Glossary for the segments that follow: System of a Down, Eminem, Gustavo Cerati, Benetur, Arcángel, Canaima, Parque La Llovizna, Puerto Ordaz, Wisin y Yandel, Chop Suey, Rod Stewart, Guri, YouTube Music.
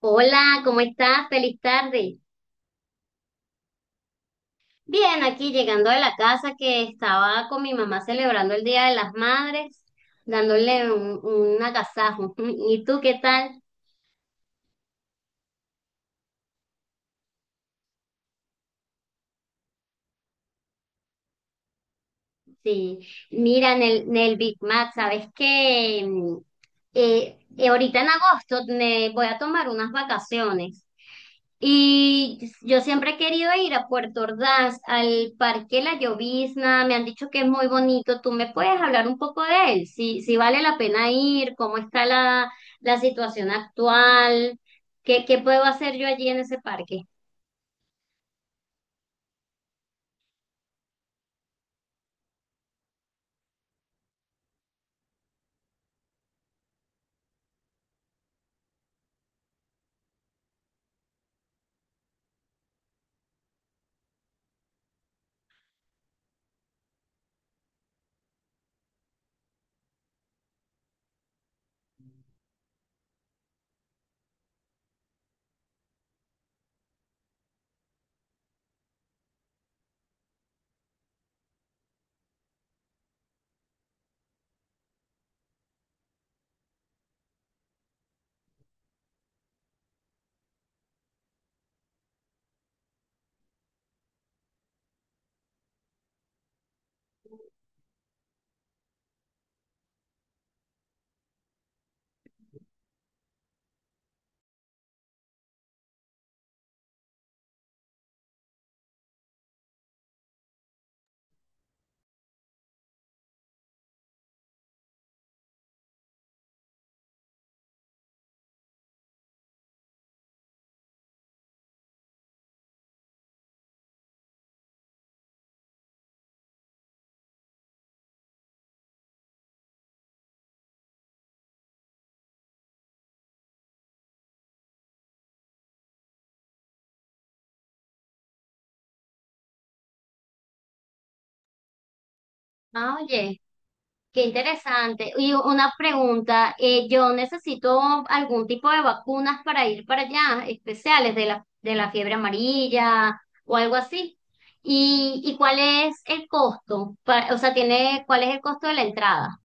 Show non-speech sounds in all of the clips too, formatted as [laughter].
Hola, ¿cómo estás? Feliz tarde. Bien, aquí llegando de la casa que estaba con mi mamá celebrando el Día de las Madres, dándole un agasajo. [laughs] ¿Y tú qué tal? Sí, mira, en el Big Mac, ¿sabes qué? Ahorita en agosto me voy a tomar unas vacaciones. Y yo siempre he querido ir a Puerto Ordaz, al Parque La Llovizna, me han dicho que es muy bonito. ¿Tú me puedes hablar un poco de él? Si, si vale la pena ir, cómo está la situación actual, qué puedo hacer yo allí en ese parque. Ah, oye. Qué interesante. Y una pregunta, yo necesito algún tipo de vacunas para ir para allá, especiales de la fiebre amarilla o algo así. Y cuál es el costo? Pa- o sea, tiene, ¿cuál es el costo de la entrada?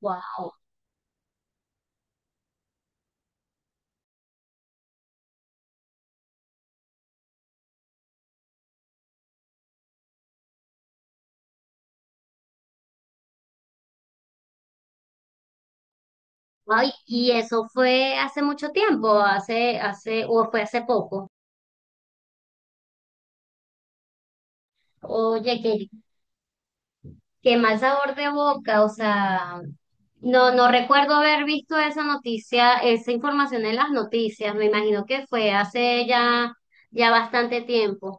Wow. Ay, ¿y eso fue hace mucho tiempo, hace, hace, o fue hace poco? Oye, qué mal sabor de boca. O sea, no, no recuerdo haber visto esa noticia, esa información en las noticias. Me imagino que fue hace ya, ya bastante tiempo.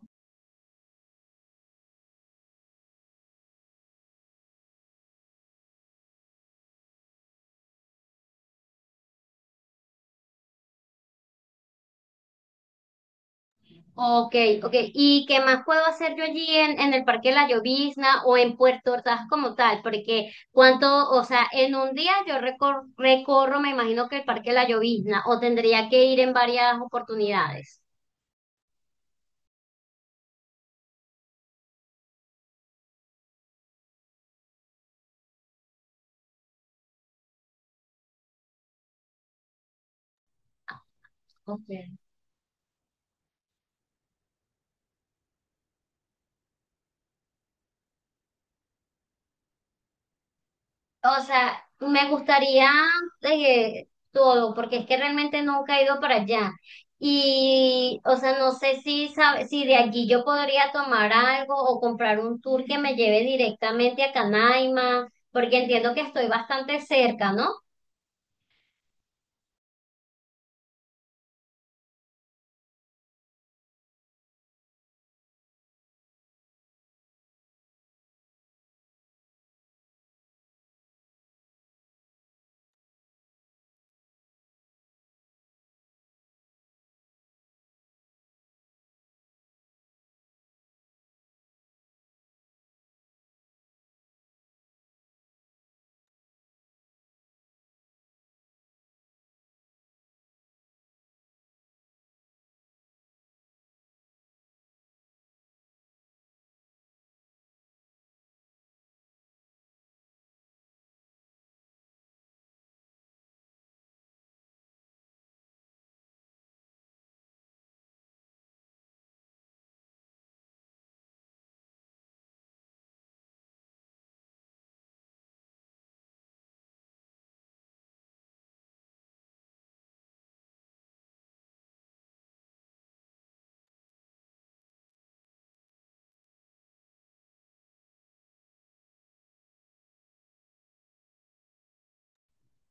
Ok, ok. ¿Y qué más puedo hacer yo allí en el Parque La Llovizna o en Puerto Ordaz como tal? Porque cuánto, o sea, en un día yo recor- recorro, me imagino que el Parque La Llovizna, o tendría que ir en varias oportunidades. Ok. O sea, me gustaría todo, porque es que realmente nunca he ido para allá. Y, o sea, no sé si sabe- si de allí yo podría tomar algo o comprar un tour que me lleve directamente a Canaima, porque entiendo que estoy bastante cerca, ¿no?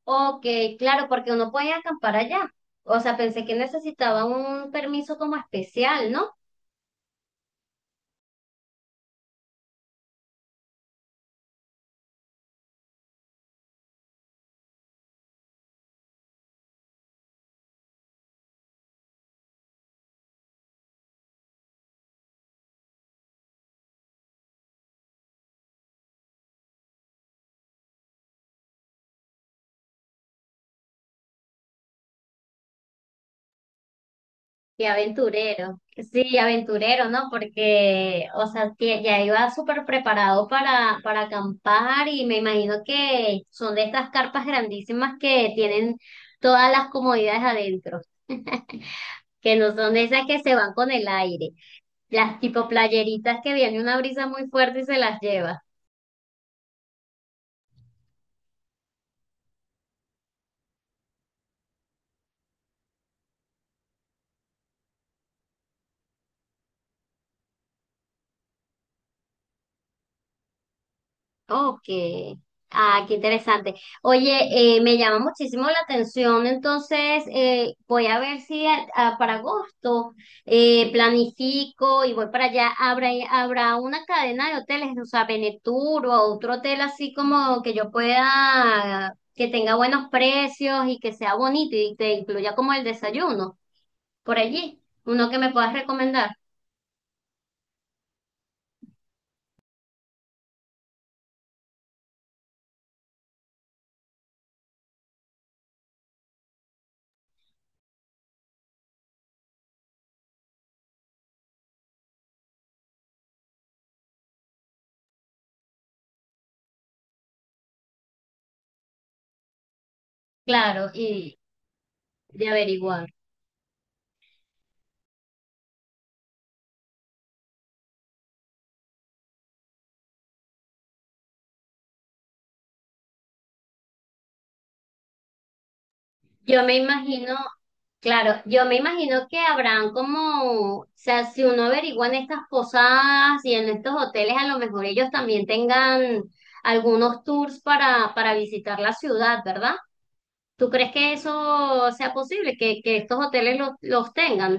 O claro, porque uno puede acampar allá. O sea, pensé que necesitaba un permiso como especial, ¿no? Qué aventurero. Sí, aventurero, ¿no? Porque, o sea, tie- ya iba súper preparado para acampar y me imagino que son de estas carpas grandísimas que tienen todas las comodidades adentro, que no son de esas que se van con el aire, las tipo playeritas que viene una brisa muy fuerte y se las lleva. Ok. Ah, qué interesante. Oye, me llama muchísimo la atención, entonces voy a ver si a- a- para agosto planifico y voy para allá. ¿Habrá, habrá una cadena de hoteles, o sea, Benetur o otro hotel así como que yo pueda, que tenga buenos precios y que sea bonito y te incluya como el desayuno por allí? Uno que me puedas recomendar, claro, y de averiguar. Yo me imagino. Claro, yo me imagino que habrán como, o sea, si uno averigua en estas posadas y en estos hoteles, a lo mejor ellos también tengan algunos tours para visitar la ciudad, ¿verdad? ¿Tú crees que eso sea posible, que estos hoteles los tengan?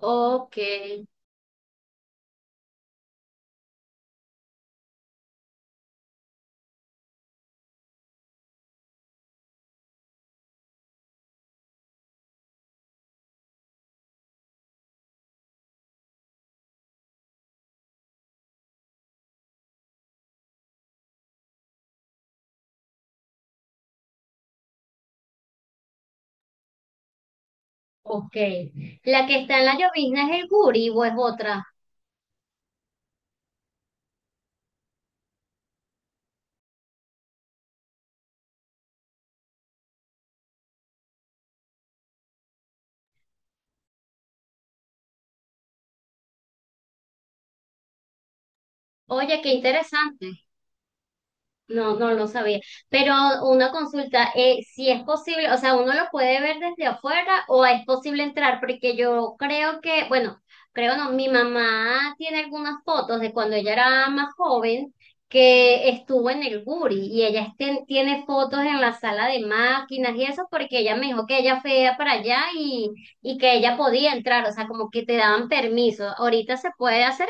Ok, ok. ¿La que está en la llovizna es el Guri o es otra? Oye, qué interesante. No, no lo sabía. Pero una consulta, si es posible, o sea, uno lo puede ver desde afuera o es posible entrar, porque yo creo que, bueno, creo no, mi mamá tiene algunas fotos de cuando ella era más joven que estuvo en el Guri y ella este- tiene fotos en la sala de máquinas y eso porque ella me dijo que ella fue para allá y que ella podía entrar, o sea, como que te daban permiso. ¿Ahorita se puede hacer?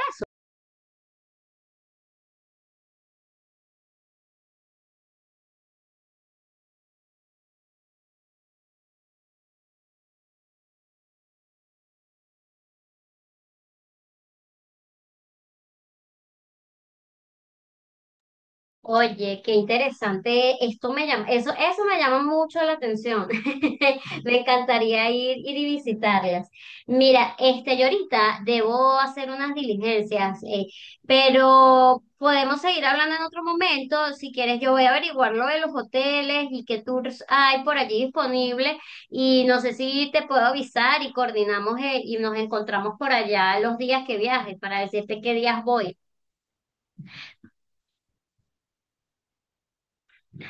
Oye, qué interesante. Esto me llama, eso me llama mucho la atención. [laughs] Me encantaría ir, ir y visitarlas. Mira, este, yo ahorita debo hacer unas diligencias, pero podemos seguir hablando en otro momento. Si quieres, yo voy a averiguar lo de los hoteles y qué tours hay por allí disponibles. Y no sé si te puedo avisar y coordinamos, y nos encontramos por allá los días que viajes para decirte qué días voy.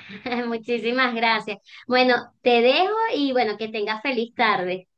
[laughs] Muchísimas gracias. Bueno, te dejo y bueno, que tengas feliz tarde.